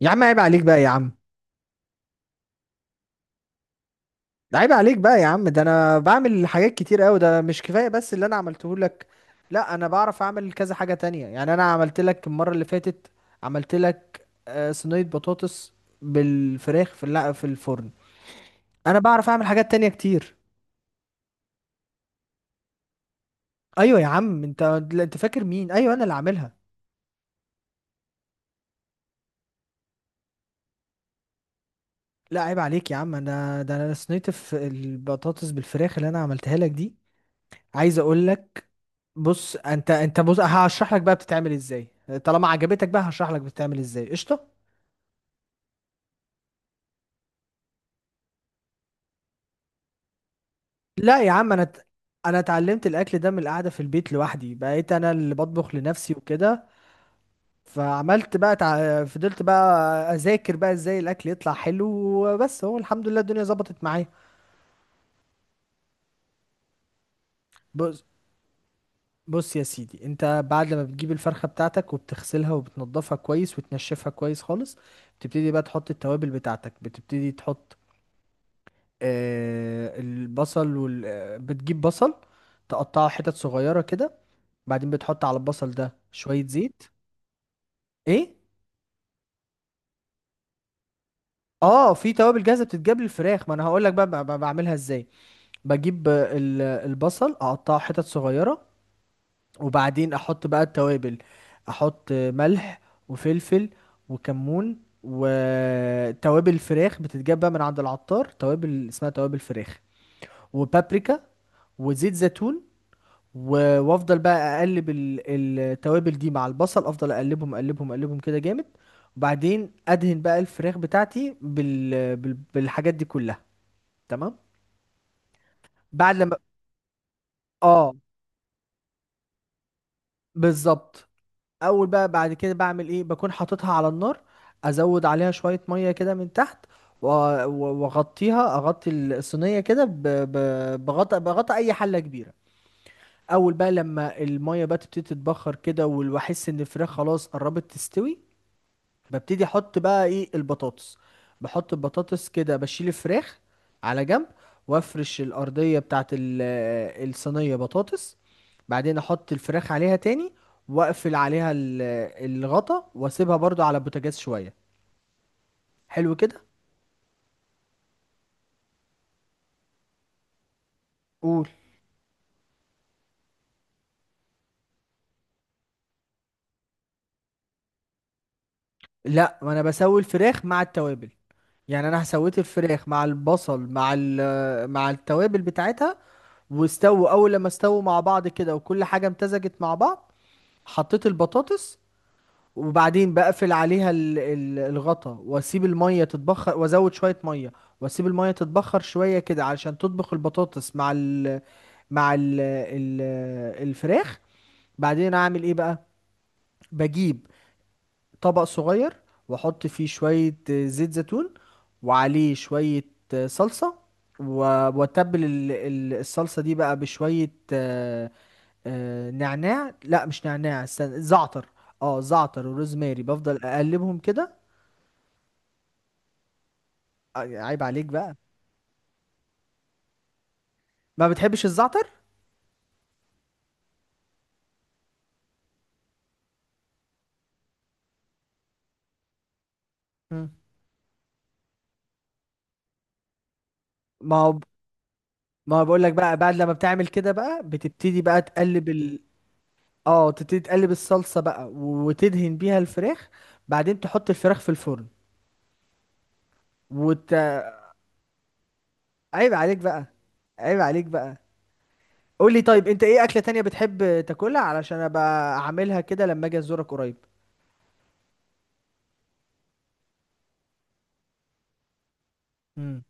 يا عم عيب عليك بقى يا عم. عيب عليك بقى يا عم، ده انا بعمل حاجات كتير قوي، ده مش كفايه بس اللي انا عملته لك؟ لا انا بعرف اعمل كذا حاجه تانية، يعني انا عملت لك المره اللي فاتت، عملت لك صينيه بطاطس بالفراخ في الفرن. انا بعرف اعمل حاجات تانية كتير. ايوه يا عم انت. لا، انت فاكر مين؟ ايوه انا اللي عاملها. لا عيب عليك يا عم، انا ده انا صينيه البطاطس بالفراخ اللي انا عملتها لك دي، عايز اقول لك. بص انت، انت بص هشرح لك بقى بتتعمل ازاي، طالما عجبتك بقى هشرح لك بتتعمل ازاي. قشطه. لا يا عم، انا اتعلمت الاكل ده من القعده في البيت لوحدي، بقيت انا اللي بطبخ لنفسي وكده. فضلت بقى اذاكر بقى ازاي الاكل يطلع حلو، وبس هو الحمد لله الدنيا ظبطت معايا. بص بص يا سيدي، انت بعد ما بتجيب الفرخه بتاعتك وبتغسلها وبتنضفها كويس وتنشفها كويس خالص، بتبتدي بقى تحط التوابل بتاعتك، بتبتدي تحط البصل وال... آه، بتجيب بصل، تقطعه حتت صغيرة كده، بعدين بتحط على البصل ده شوية زيت. ايه؟ اه، في توابل جاهزة بتتجاب للفراخ، ما انا هقول لك بقى بعملها ازاي. بجيب البصل، اقطعه حتت صغيرة، وبعدين احط بقى التوابل، احط ملح وفلفل وكمون وتوابل فراخ بتتجاب بقى من عند العطار، توابل اسمها توابل فراخ، وبابريكا، وزيت زيتون، و- وافضل بقى اقلب التوابل دي مع البصل، افضل اقلبهم اقلبهم اقلبهم كده جامد. وبعدين ادهن بقى الفراخ بتاعتي بالحاجات دي كلها، تمام؟ بعد لما، اه، بالظبط. اول بقى بعد كده بعمل ايه؟ بكون حاططها على النار، ازود عليها شوية مية كده من تحت، و- واغطيها، اغطي الصينية كده، ب... ب... بغطى بغطى اي حلة كبيرة. اول بقى لما المية بقى تبتدي تتبخر كده واحس ان الفراخ خلاص قربت تستوي، ببتدي احط بقى ايه البطاطس. بحط البطاطس كده، بشيل الفراخ على جنب، وافرش الارضيه بتاعت الصينيه بطاطس، بعدين احط الفراخ عليها تاني، واقفل عليها الغطا، واسيبها برضو على البوتاجاز شويه، حلو كده. قول. لا ما انا بسوي الفراخ مع التوابل، يعني انا سويت الفراخ مع البصل مع ال- آه، مع التوابل بتاعتها، واستووا، اول لما استووا مع بعض كده وكل حاجه امتزجت مع بعض، حطيت البطاطس، وبعدين بقفل عليها الغطا واسيب الميه تتبخر، وازود شويه ميه واسيب الميه تتبخر شويه كده علشان تطبخ البطاطس مع ال مع ال ال الفراخ. بعدين اعمل ايه بقى؟ بجيب طبق صغير، واحط فيه شوية زيت زيتون، وعليه شوية صلصة، و- واتبل الصلصة دي بقى بشوية نعناع. لا مش نعناع، استنى، زعتر. اه زعتر وروزماري، بفضل اقلبهم كده. عيب عليك بقى. ما بتحبش الزعتر. مم. ما هو، ما بقول لك بقى بعد لما بتعمل كده بقى بتبتدي بقى تقلب ال اه تبتدي تقلب الصلصة بقى وتدهن بيها الفراخ، بعدين تحط الفراخ في الفرن وت... عيب عليك بقى. عيب عليك بقى. قول لي طيب، انت ايه اكلة تانية بتحب تاكلها علشان ابقى اعملها كده لما اجي ازورك قريب؟ امم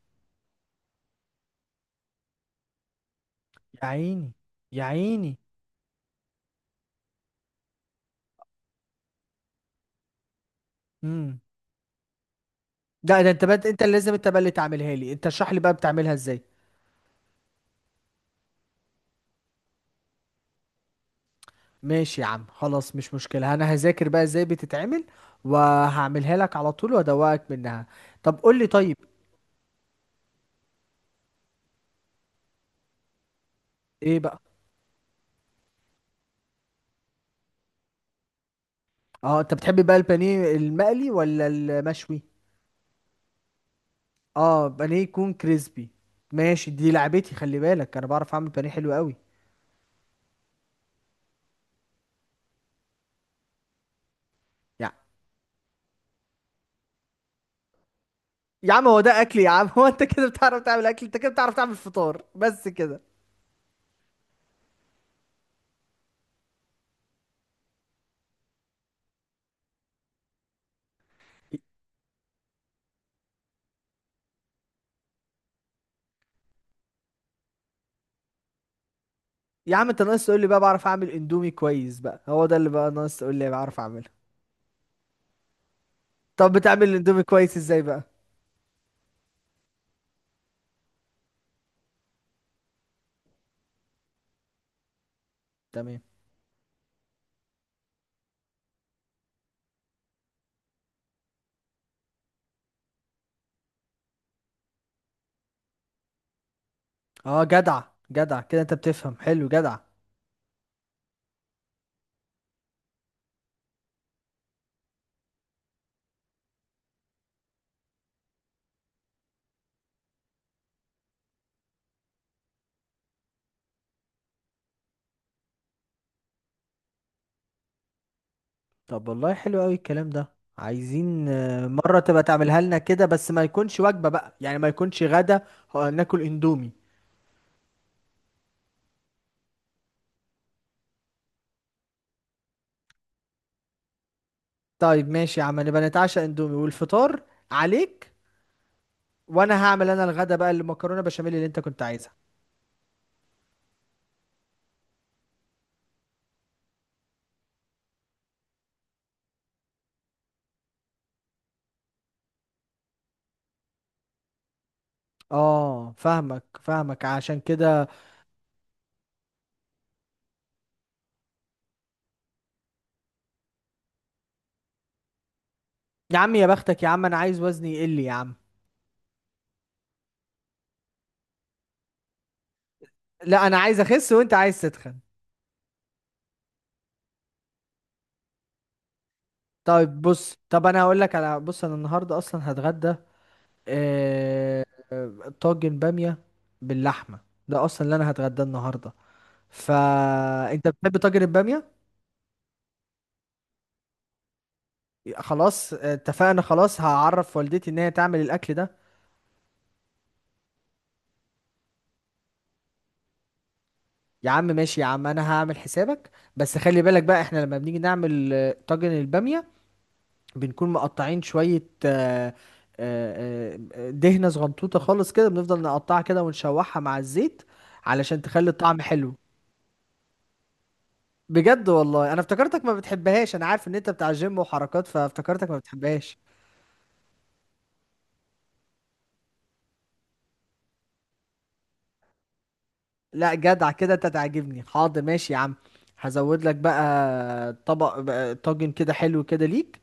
يا عيني يا عيني. امم ده انت بقى انت اللي لازم، انت بقى اللي تعملها لي انت، اشرح لي بقى بتعملها ازاي. ماشي يا عم، خلاص مش مشكلة، انا هذاكر بقى ازاي بتتعمل وهعملها لك على طول وادوقك منها. طب قول لي طيب. ايه بقى؟ اه انت بتحب بقى البانيه المقلي ولا المشوي؟ اه، بانيه يكون كريسبي. ماشي، دي لعبتي، خلي بالك انا بعرف اعمل بانيه حلو قوي. يا يا عم، هو ده اكل يا عم؟ هو انت كده بتعرف تعمل اكل؟ انت كده بتعرف تعمل فطار بس كده. يا عم انت ناقص تقول لي بقى بعرف اعمل اندومي كويس بقى، هو ده اللي بقى ناقص تقول لي بعرف اعمله. طب بتعمل الاندومي كويس ازاي بقى؟ تمام. اه جدع، جدع كده، انت بتفهم حلو، جدع. طب والله حلو قوي الكلام ده، عايزين مرة تبقى تعملها لنا كده بس ما يكونش وجبة بقى، يعني ما يكونش غدا، ناكل اندومي. طيب ماشي يا عم، نبقى نتعشى اندومي، والفطار عليك، وانا هعمل انا الغدا بقى، المكرونه بشاميل اللي انت كنت عايزها. اه فاهمك فاهمك، عشان كده. يا عم يا بختك يا عم، انا عايز وزني يقل يا عم. لا انا عايز اخس وانت عايز تتخن. طيب بص، طب انا هقول لك على بص انا النهارده اصلا هتغدى آه... طاجن باميه باللحمه، ده اصلا اللي انا هتغدى النهارده. فانت بتحب طاجن الباميه؟ خلاص اتفقنا، خلاص هعرف والدتي ان هي تعمل الاكل ده. يا عم ماشي يا عم، انا هعمل حسابك، بس خلي بالك بقى احنا لما بنيجي نعمل طاجن البامية، بنكون مقطعين شوية دهنة صغنطوطة خالص كده، بنفضل نقطعها كده ونشوحها مع الزيت علشان تخلي الطعم حلو. بجد والله، انا افتكرتك ما بتحبهاش، انا عارف ان انت بتاع جيم وحركات فافتكرتك ما بتحبهاش. لا جدع كده، انت تعجبني. حاضر ماشي يا عم، هزود لك بقى طبق بقى طاجن كده حلو كده ليك،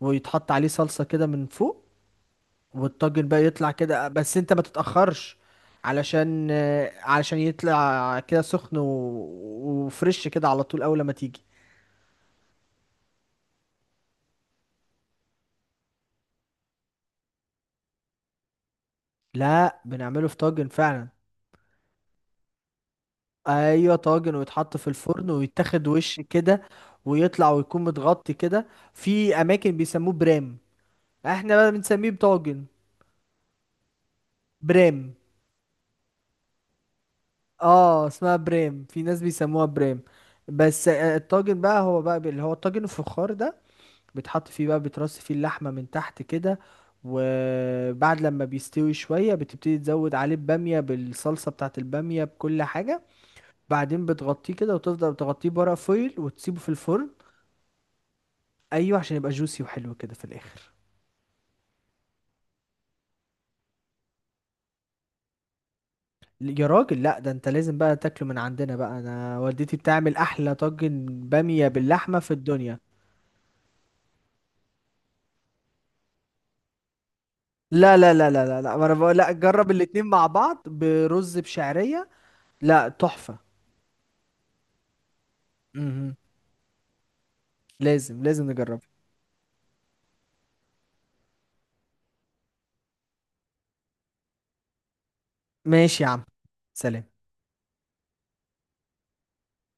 ويتحط عليه صلصة كده من فوق، والطاجن بقى يطلع كده، بس انت ما تتأخرش، علشان علشان يطلع كده سخن وفريش كده على طول اول ما تيجي. لا بنعمله في طاجن فعلا. ايوه طاجن، ويتحط في الفرن ويتاخد وش كده ويطلع، ويكون متغطي كده. في اماكن بيسموه برام، احنا بقى بنسميه بطاجن. برام. اه اسمها برام، في ناس بيسموها برام، بس الطاجن بقى هو بقى اللي هو الطاجن الفخار ده، بيتحط فيه بقى، بيترص فيه اللحمة من تحت كده، وبعد لما بيستوي شوية بتبتدي تزود عليه بامية بالصلصة بتاعت البامية بكل حاجة، بعدين بتغطيه كده وتفضل تغطيه بورق فويل وتسيبه في الفرن. ايوه، عشان يبقى جوسي وحلو كده في الاخر. يا راجل لا، ده انت لازم بقى تاكله من عندنا بقى، انا والدتي بتعمل احلى طاجن بامية باللحمة في الدنيا. لا لا لا لا لا لا، ما انا بقول لا جرب الاتنين مع بعض برز بشعرية. لا تحفة. مهم. لازم لازم نجرب. ماشي يا عم. سلام.